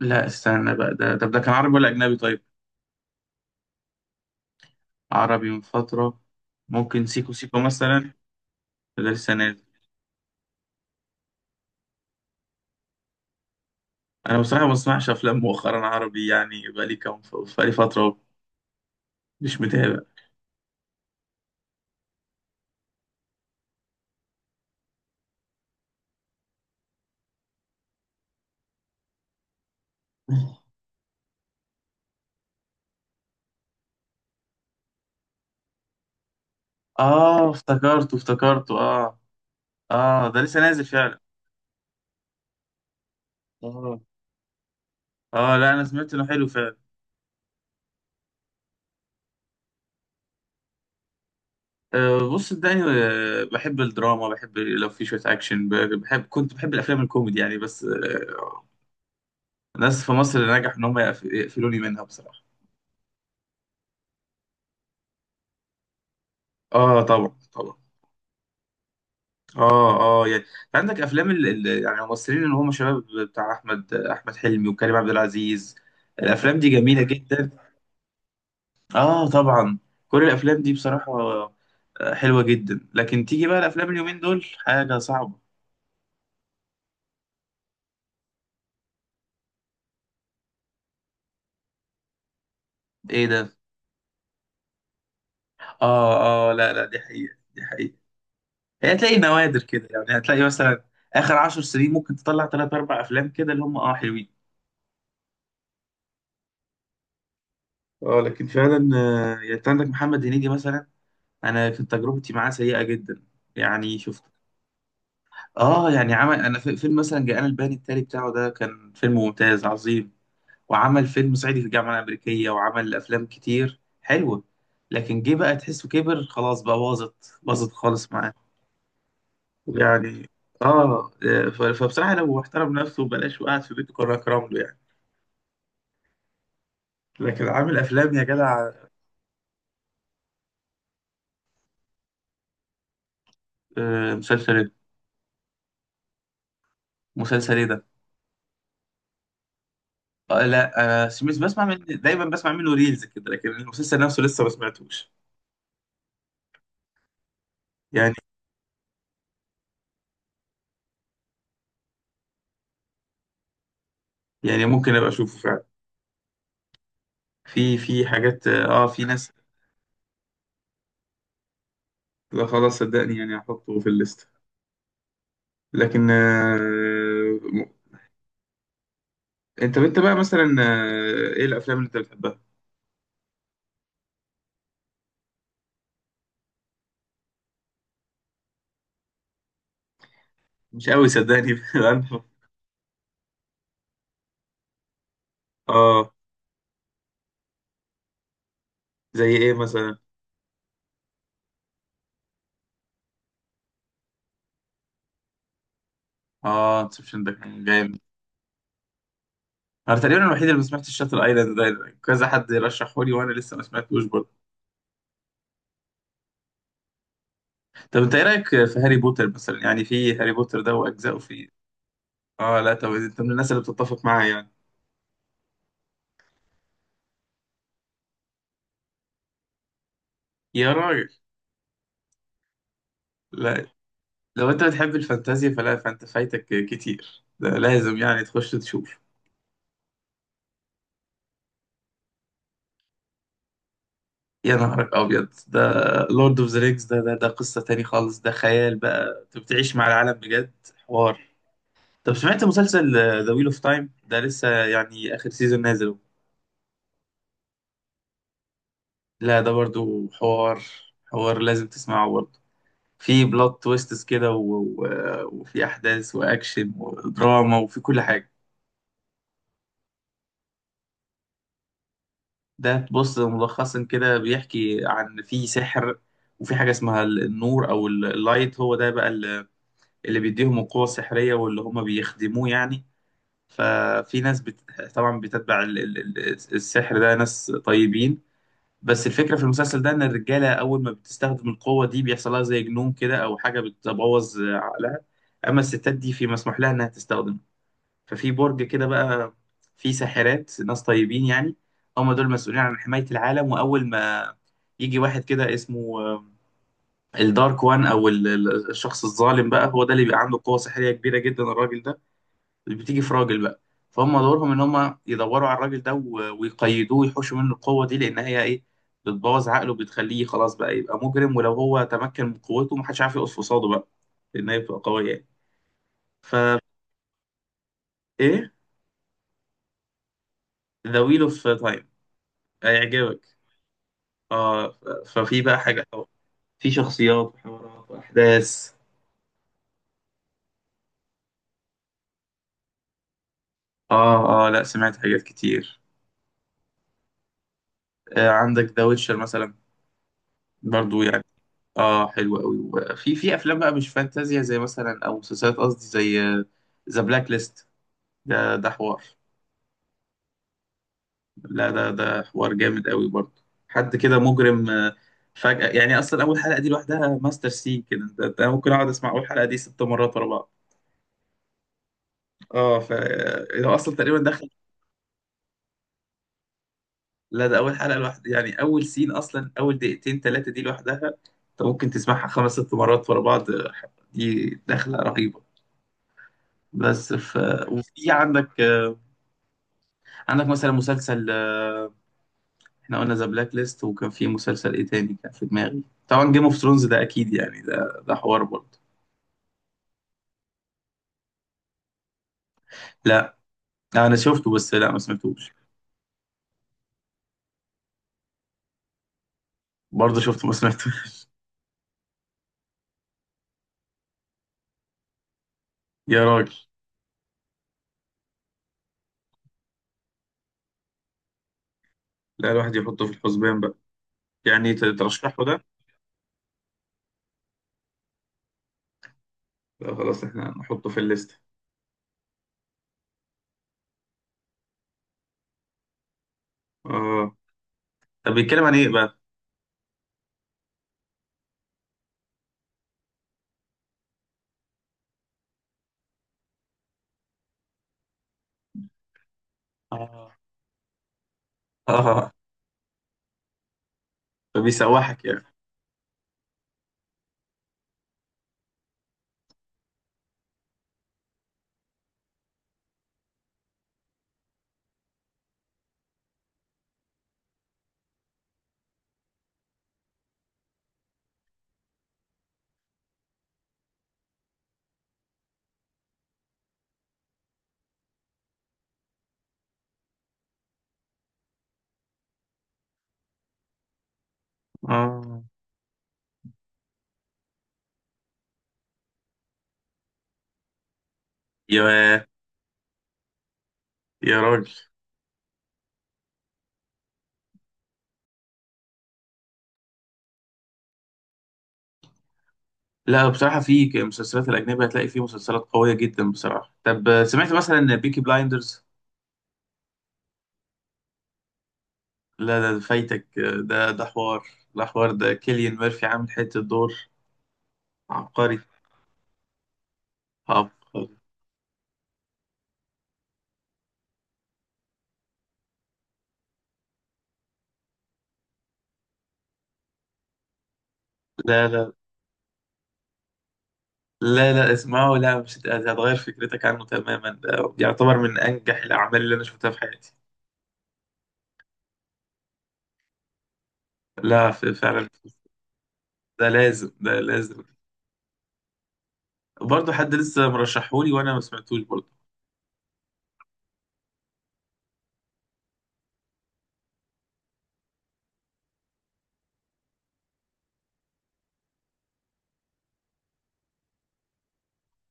لا، استنى بقى. ده كان عربي ولا أجنبي طيب؟ عربي من فترة. ممكن سيكو سيكو مثلا. ده لسه نازل. أنا بصراحة ما بسمعش أفلام مؤخرا عربي، يعني بقالي كام، بقالي فترة مش متابع. آه، افتكرته آه. آه، ده لسه نازل فعلا. آه. آه لا، أنا سمعت إنه حلو فعلا. آه بص صدقني، بحب الدراما، بحب لو في شوية أكشن، بحب، كنت بحب الأفلام الكوميدي يعني بس. ناس في مصر نجح إن هم يقفلوني منها بصراحة. آه طبعا طبعا. اه اه يعني. عندك افلام يعني الممثلين اللي هم شباب، بتاع احمد حلمي وكريم عبد العزيز. الافلام دي جميله جدا. اه طبعا. كل الافلام دي بصراحه حلوه جدا. لكن تيجي بقى الافلام اليومين دول حاجه صعبه. ايه ده؟ اه اه. لا، دي حقيقه، دي حقيقه. هي هتلاقي نوادر كده يعني. هتلاقي مثلا اخر 10 سنين ممكن تطلع 3 4 افلام كده اللي هم اه حلوين. اه لكن فعلا، يعني انت عندك محمد هنيدي مثلا. انا كانت تجربتي معاه سيئه جدا، يعني شفت. اه يعني عمل، انا في فيلم مثلا جاءنا البيان التالي بتاعه، ده كان فيلم ممتاز عظيم. وعمل فيلم صعيدي في الجامعه الامريكيه، وعمل افلام كتير حلوه. لكن جه بقى تحسه كبر، خلاص بقى باظت، باظت خالص معاه يعني. اه، فبصراحه لو احترم نفسه وبلاش وقعد في بيته كنا اكرم له يعني. لكن عامل افلام يا جدع. آه، مسلسل ايه؟ مسلسل ايه ده؟ آه لا، انا سميث، بسمع من دايما بسمع منه ريلز كده، لكن المسلسل نفسه لسه ما سمعتوش. يعني. يعني ممكن ابقى اشوفه فعلا. في حاجات، اه في ناس. لا خلاص صدقني، يعني هحطه في الليست. لكن آه، م-. انت بقى مثلا، آه، ايه الافلام اللي انت بتحبها؟ مش قوي صدقني. أنا-. اه. زي ايه مثلا؟ اه، انسبشن ده كان جامد. انا تقريبا الوحيد اللي ما سمعتش شاتل ايلاند. ده كذا حد رشحه لي وانا لسه ما سمعتوش برضه. طب انت ايه رايك في هاري بوتر مثلا؟ يعني في هاري بوتر ده واجزائه في. اه لا طب انت من الناس اللي بتتفق معايا يعني. يا راجل لا. لو انت بتحب الفانتازيا فلا، فايتك كتير، ده لازم يعني تخش تشوف. يا نهارك ابيض ده. لورد اوف ذا رينجز ده، ده قصة تاني خالص، ده خيال بقى، انت بتعيش مع العالم بجد. حوار. طب سمعت مسلسل ذا ويل اوف تايم؟ ده لسه يعني اخر سيزون نازل. لا ده برضو حوار، حوار لازم تسمعه برضو. في بلوت تويستس كده و... و... وفي احداث واكشن ودراما، وفي كل حاجة. ده بص، ملخصا كده بيحكي عن، في سحر، وفي حاجة اسمها النور، أو اللايت، هو ده بقى اللي بيديهم القوة السحرية واللي هما بيخدموه يعني. ففي ناس طبعا بتتبع السحر ده، ناس طيبين. بس الفكرة في المسلسل ده إن الرجالة أول ما بتستخدم القوة دي بيحصل لها زي جنون كده، أو حاجة بتبوظ عقلها. أما الستات دي في مسموح لها إنها تستخدم. ففي برج كده بقى فيه ساحرات، ناس طيبين يعني، هم دول مسؤولين عن حماية العالم. وأول ما يجي واحد كده اسمه الدارك وان، أو الشخص الظالم بقى، هو ده اللي بيبقى عنده قوة سحرية كبيرة جدا الراجل ده اللي بتيجي في راجل بقى. فهم دورهم إن هم يدوروا على الراجل ده ويقيدوه ويحوشوا منه القوة دي، لأن هي إيه، بتبوظ عقله، بتخليه خلاص بقى يبقى مجرم. ولو هو تمكن من قوته محدش عارف يقف قصاده بقى، لأن هي بتبقى قوية يعني. فا إيه، ذا ويل أوف تايم. هيعجبك. اه، ففي بقى حاجة، في شخصيات وحوارات وأحداث. اه اه لا، سمعت حاجات كتير. آه عندك ذا ويتشر مثلا برضو يعني. اه حلو قوي. وفي في افلام بقى مش فانتازيا، زي مثلا، او مسلسلات قصدي، زي ذا بلاك ليست، ده حوار. لا ده حوار جامد قوي برضو. حد كده مجرم، فجأة يعني. اصلا اول حلقة دي لوحدها ماستر سين كده. ده ممكن اقعد اسمع اول حلقة دي 6 مرات ورا بعض. اه، ف آه، اصلا تقريبا دخل. لا ده اول حلقه لوحدها، يعني اول سين، اصلا اول 2 3 دقايق دي لوحدها انت ممكن تسمعها 5 6 مرات ورا بعض. دي دخله رهيبه. بس ف-. وفي عندك، عندك مثلا مسلسل، احنا قلنا ذا بلاك ليست، وكان في مسلسل ايه تاني كان في دماغي، طبعا جيم اوف ثرونز ده اكيد يعني، ده ده حوار برضه. لا انا شفته، بس لا ما سمعتوش برضه. شفته ما سمعتوش. يا راجل. لا الواحد يحطه في الحسبان بقى، يعني ترشحه ده. لا خلاص احنا نحطه في الليست. اه. طب بيتكلم عن ايه بقى؟ اه. اه فبيسوحك يعني. اه. يا يا راجل. لا بصراحة في مسلسلات الأجنبية هتلاقي فيه مسلسلات قوية جدا بصراحة. طب سمعت مثلا بيكي بلايندرز؟ لا ده فايتك، ده حوار. ده حوار، ده كيليان ميرفي عامل حتة دور عبقري. عبقري. لا لا لا اسمعه، لا مش هتغير فكرتك عنه تماما. ده يعتبر من أنجح الأعمال اللي أنا شفتها في حياتي. لا فعلا. ده لازم، ده لازم. برضه حد لسه مرشحولي وأنا ما سمعتوش برضه.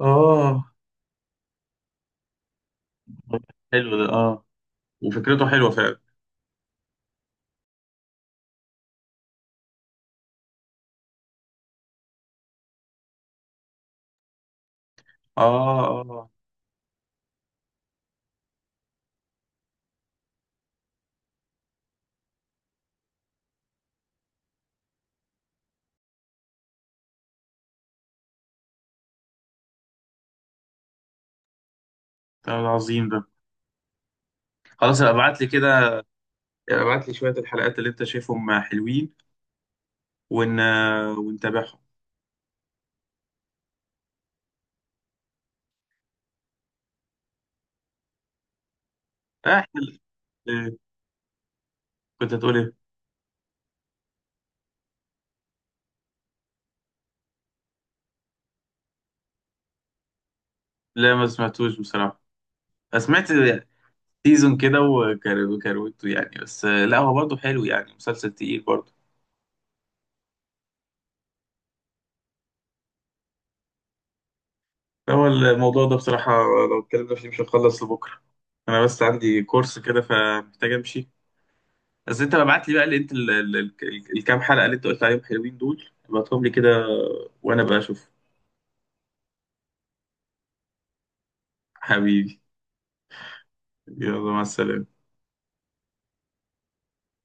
اه حلو ده اه. وفكرته حلوه فعلا. اه اه. ده عظيم ده. خلاص ابقى ابعت لي كده، ابعت لي شويه الحلقات اللي انت شايفهم حلوين، ون... ونتابعهم. آه احنا. آه، كنت هتقول ايه؟ لا ما سمعتوش بصراحه. سمعت سيزون كده وكروته يعني بس. لا هو برضه حلو يعني، مسلسل تقيل برضه. هو الموضوع ده بصراحه لو اتكلمنا فيه مش هنخلص لبكره. انا بس عندي كورس كده فمحتاج امشي. بس انت ابعت لي بقى، اللي انت الكام حلقة اللي انت قلت عليهم حلوين دول، ابعتهم لي كده وانا بقى اشوف. حبيبي. يلا مع السلامة.